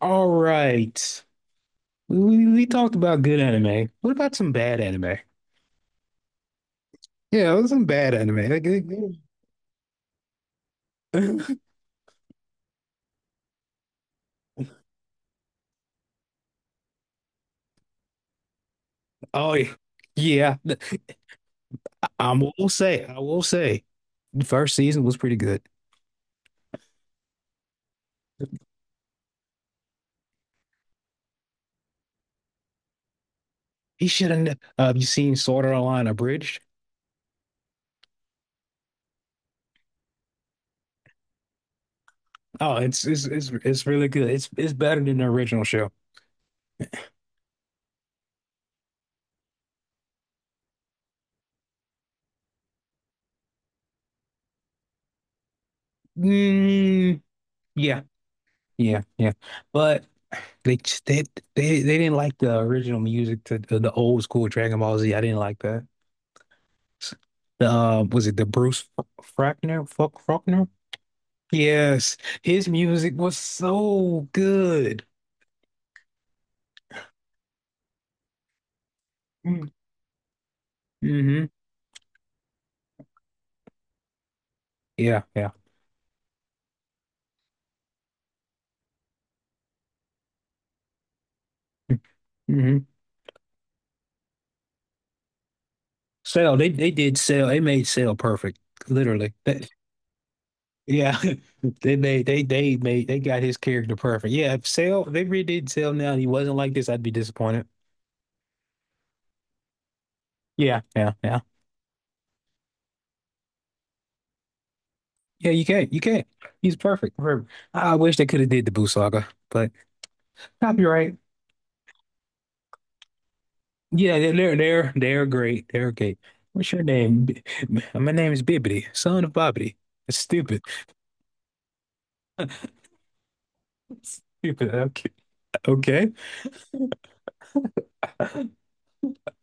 All right. We talked about good anime. What about some bad anime? Yeah, it was some bad anime. Like, it- Oh yeah. Yeah. I will say, the first season was pretty good. He shouldn't You seen Sword Art Online Abridged? Oh, it's really good. It's better than the original show. Mm, yeah, yeah, yeah. But they just- they they didn't like the original music to the old school Dragon Ball Z. I didn't like that. Was it the Frackner? Fuck Faulkner? Yes, his music was so good. Mm-hmm. Yeah, yeah. Mm-hmm. Cell, they did Cell. They made Cell perfect, literally. That, yeah, they got his character perfect. Yeah, if Cell, if they redid Cell now, and he wasn't like this, I'd be disappointed. Yeah, yeah, yeah, yeah. You can't. He's perfect. Perfect. I wish they could have did the Boo Saga, but copyright. Yeah, they're great. They're great. What's your name? My name is Bibbidi, son of Bobbidi. It's stupid. Stupid. Okay. Okay.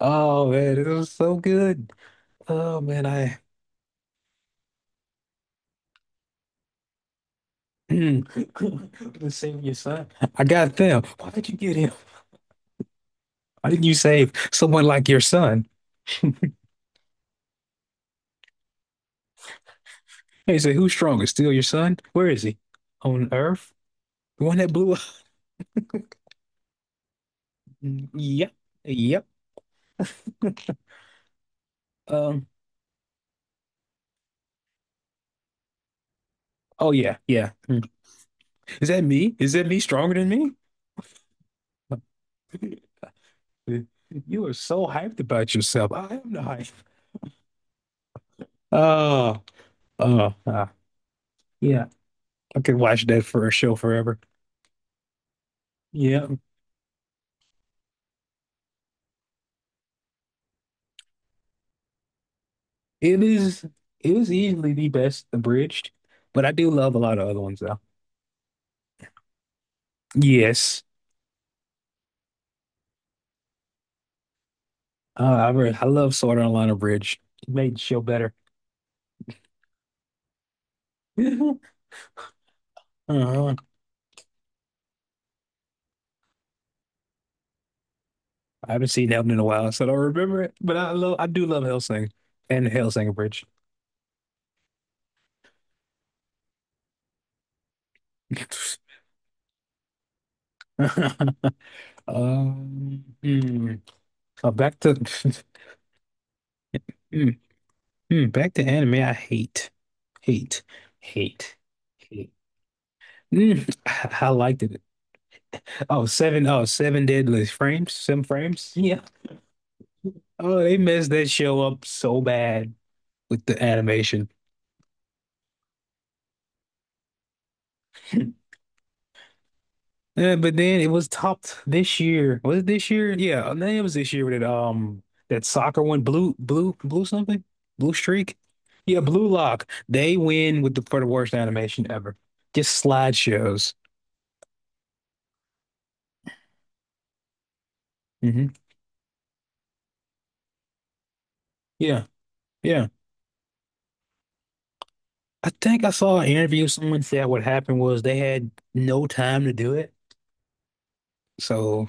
Oh man, it was so good. Oh man, I let's save your son. I got them. Why did you get him? Why didn't you save someone like your son? He said, "Who's strongest? Still your son? Where is he? On Earth? The one that blew up? Mm, yep. Yep. Um. Oh yeah. Yeah. Is that me? Stronger than me? You are so hyped about yourself. I am not hyped. Oh, oh, ah, yeah. I could watch that for a show forever. Yeah, it is. It is easily the best abridged, but I do love a lot of other ones though. Yes, I love Sword Art Online abridged. It made the show better. Uh-huh. I haven't seen that one in a while, so I don't remember it. But I love. I do love Hellsing and Hellsing abridged. Mm, back to Hmm. Hmm. Back to anime. I hate, hate, hate, hate. Mm, I liked it. Oh, seven deadly frames, seven frames. Yeah. Oh, they messed that show up so bad with the animation. Yeah, but then it was topped this year. Was it this year? Yeah, I think it was this year with that that soccer one, blue something, blue streak. Yeah, Blue Lock. They win with the worst animation ever. Just slideshows. Hmm. Yeah, yeah. I think I saw an interview. Someone said what happened was they had no time to do it. So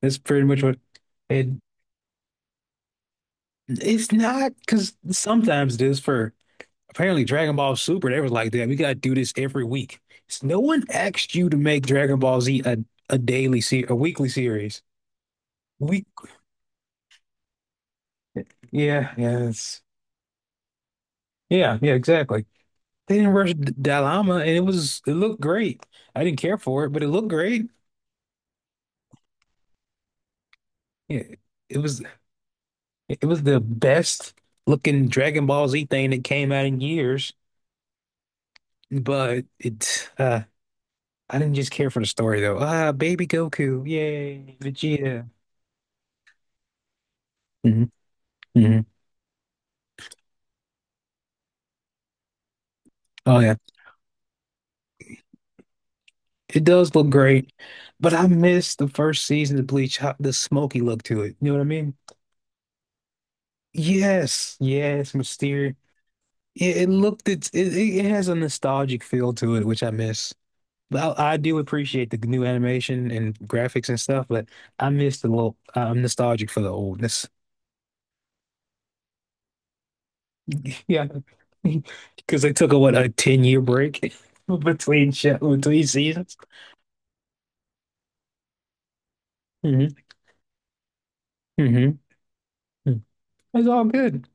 that's pretty much what it. It's not because sometimes it is for. Apparently, Dragon Ball Super, they was like, damn, we gotta do this every week. So no one asked you to make Dragon Ball Z a daily se a weekly series. Week, yeah, yeah, yeah, exactly. They didn't rush Dalama, and it looked great. I didn't care for it, but it looked great. Yeah, it was it was the best looking Dragon Ball Z thing that came out in years. But I didn't just care for the story though. Ah, baby Goku, yay, Vegeta. Hmm. Hmm. Oh yeah. It does look great, but I miss the first season of Bleach, how, the smoky look to it. You know what I mean? Yes, yes, Mysterio. It, it has a nostalgic feel to it, which I miss. But I do appreciate the new animation and graphics and stuff, but I miss the little. I'm nostalgic for the oldness. Yeah, because they took a what a 10 year break between show, between seasons. Hmm. Hmm. It's all good.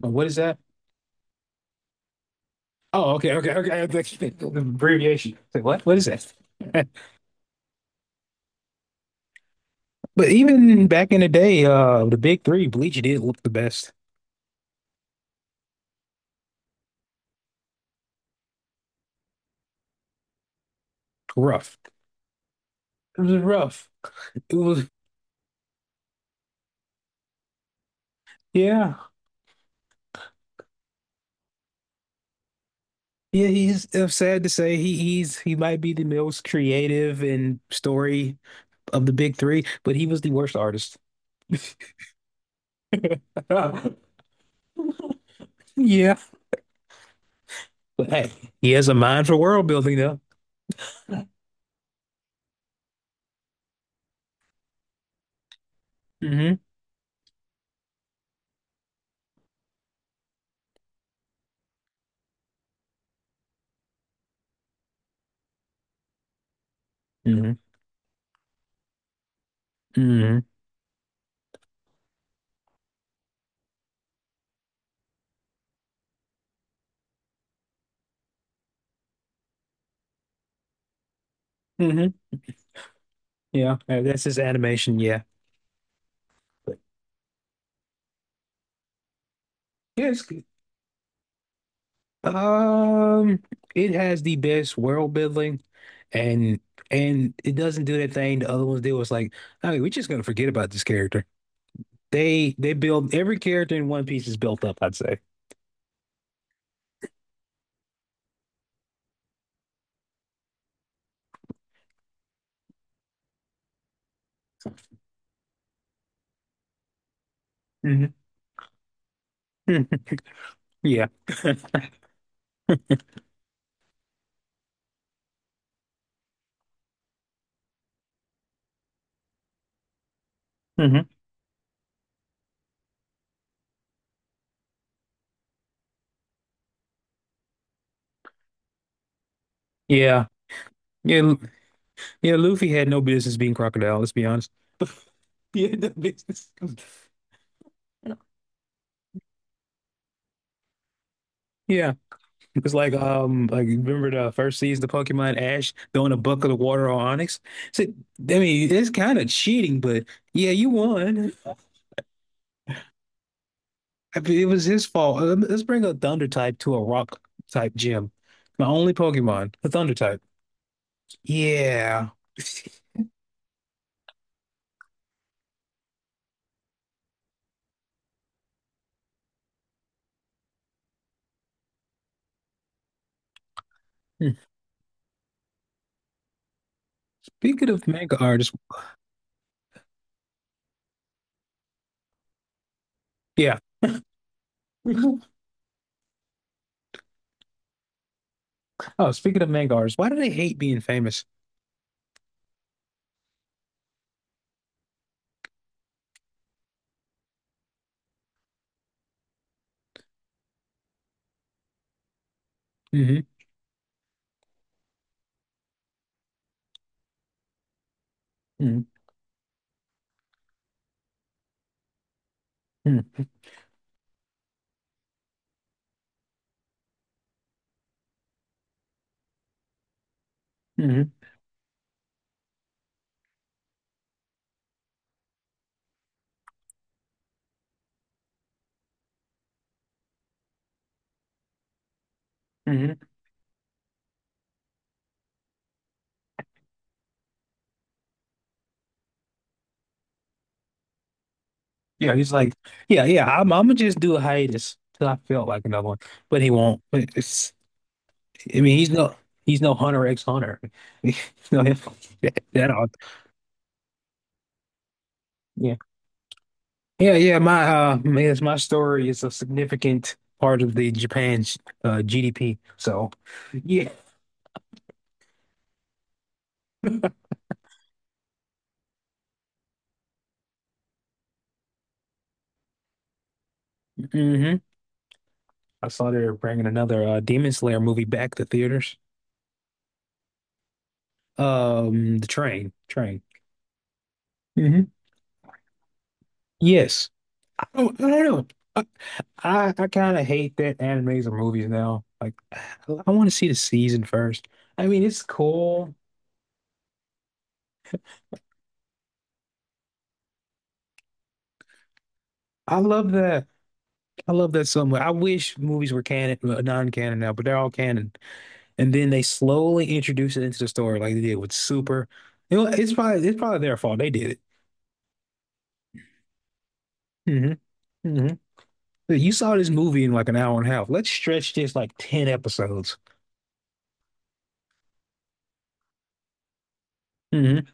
But what is that? Oh, okay, okay, okay. That's the abbreviation. It's like, what? What is that? But even back in the day, the big three, Bleach did look the best. Rough. It was rough. It was, yeah, yeah. He's it's sad to say he might be the most creative and story of the big three, but he was the worst artist. Yeah, but hey, he has a mind for world building though. Mm-hmm. Mm-hmm. Mm-hmm. Mm-hmm. Yeah, that's his animation. Yeah, but yes. Um, it has the best world building, and and it doesn't do that thing the other ones do. It's like, okay, we're just gonna forget about this character. They build every character in One Piece is built up, I'd say. Hmm. Yeah. Hmm. Yeah. Yeah. Yeah. Luffy had no business being Crocodile. Let's be honest. Yeah, no business. Yeah. It was like you remember the first season of Pokemon Ash throwing a bucket of water on Onyx? So, I mean, it's kind of cheating, but yeah, you won. I mean, it was his fault. Let's bring a Thunder type to a Rock type gym. My only Pokemon, a Thunder type. Yeah. Hmm. Speaking of manga artists, yeah. Oh, speaking of manga artists, why do they hate being famous? Hmm. Hmm. Hmm. Hmm. Yeah, he's like, yeah, yeah. I'm gonna just do a hiatus till I feel like another one, but he won't. It's, I mean, he's no Hunter X Hunter. No, that all- yeah, yeah, yeah. Yes, my story is a significant part of the Japan's GDP. So, yeah, hmm. I saw they're bringing another Demon Slayer movie back to theaters. The train. Hmm. Yes. Oh, I don't know. I I kind of hate that animes or movies now. Like, I want to see the season first. I mean, it's cool. I love that. I love that so much. I wish movies were canon, non-canon now, but they're all canon. And then they slowly introduce it into the story, like they did with Super. You know, it's probably their fault. They did it. Hmm. Hmm. You saw this movie in like an hour and a half. Let's stretch this like ten episodes. Mm-hmm.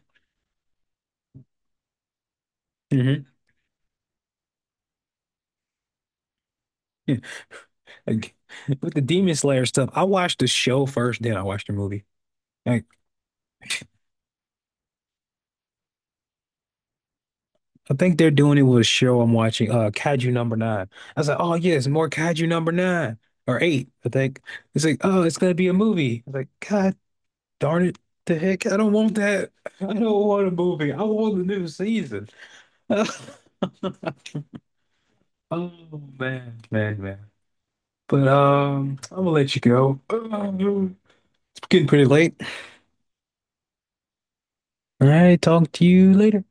Mm-hmm. Like, with the Demon Slayer stuff, I watched the show first, then I watched the movie. Like, I think they're doing it with a show I'm watching, Kaiju Number Nine. I was like, oh yes, more Kaiju Number Nine or Eight. I think it's like, oh, it's gonna be a movie. I was like, God darn it, the heck, I don't want that. I don't want a movie. I want the new season. Oh man, man, man. But I'm gonna let you go. Oh, it's getting pretty late. All right, talk to you later.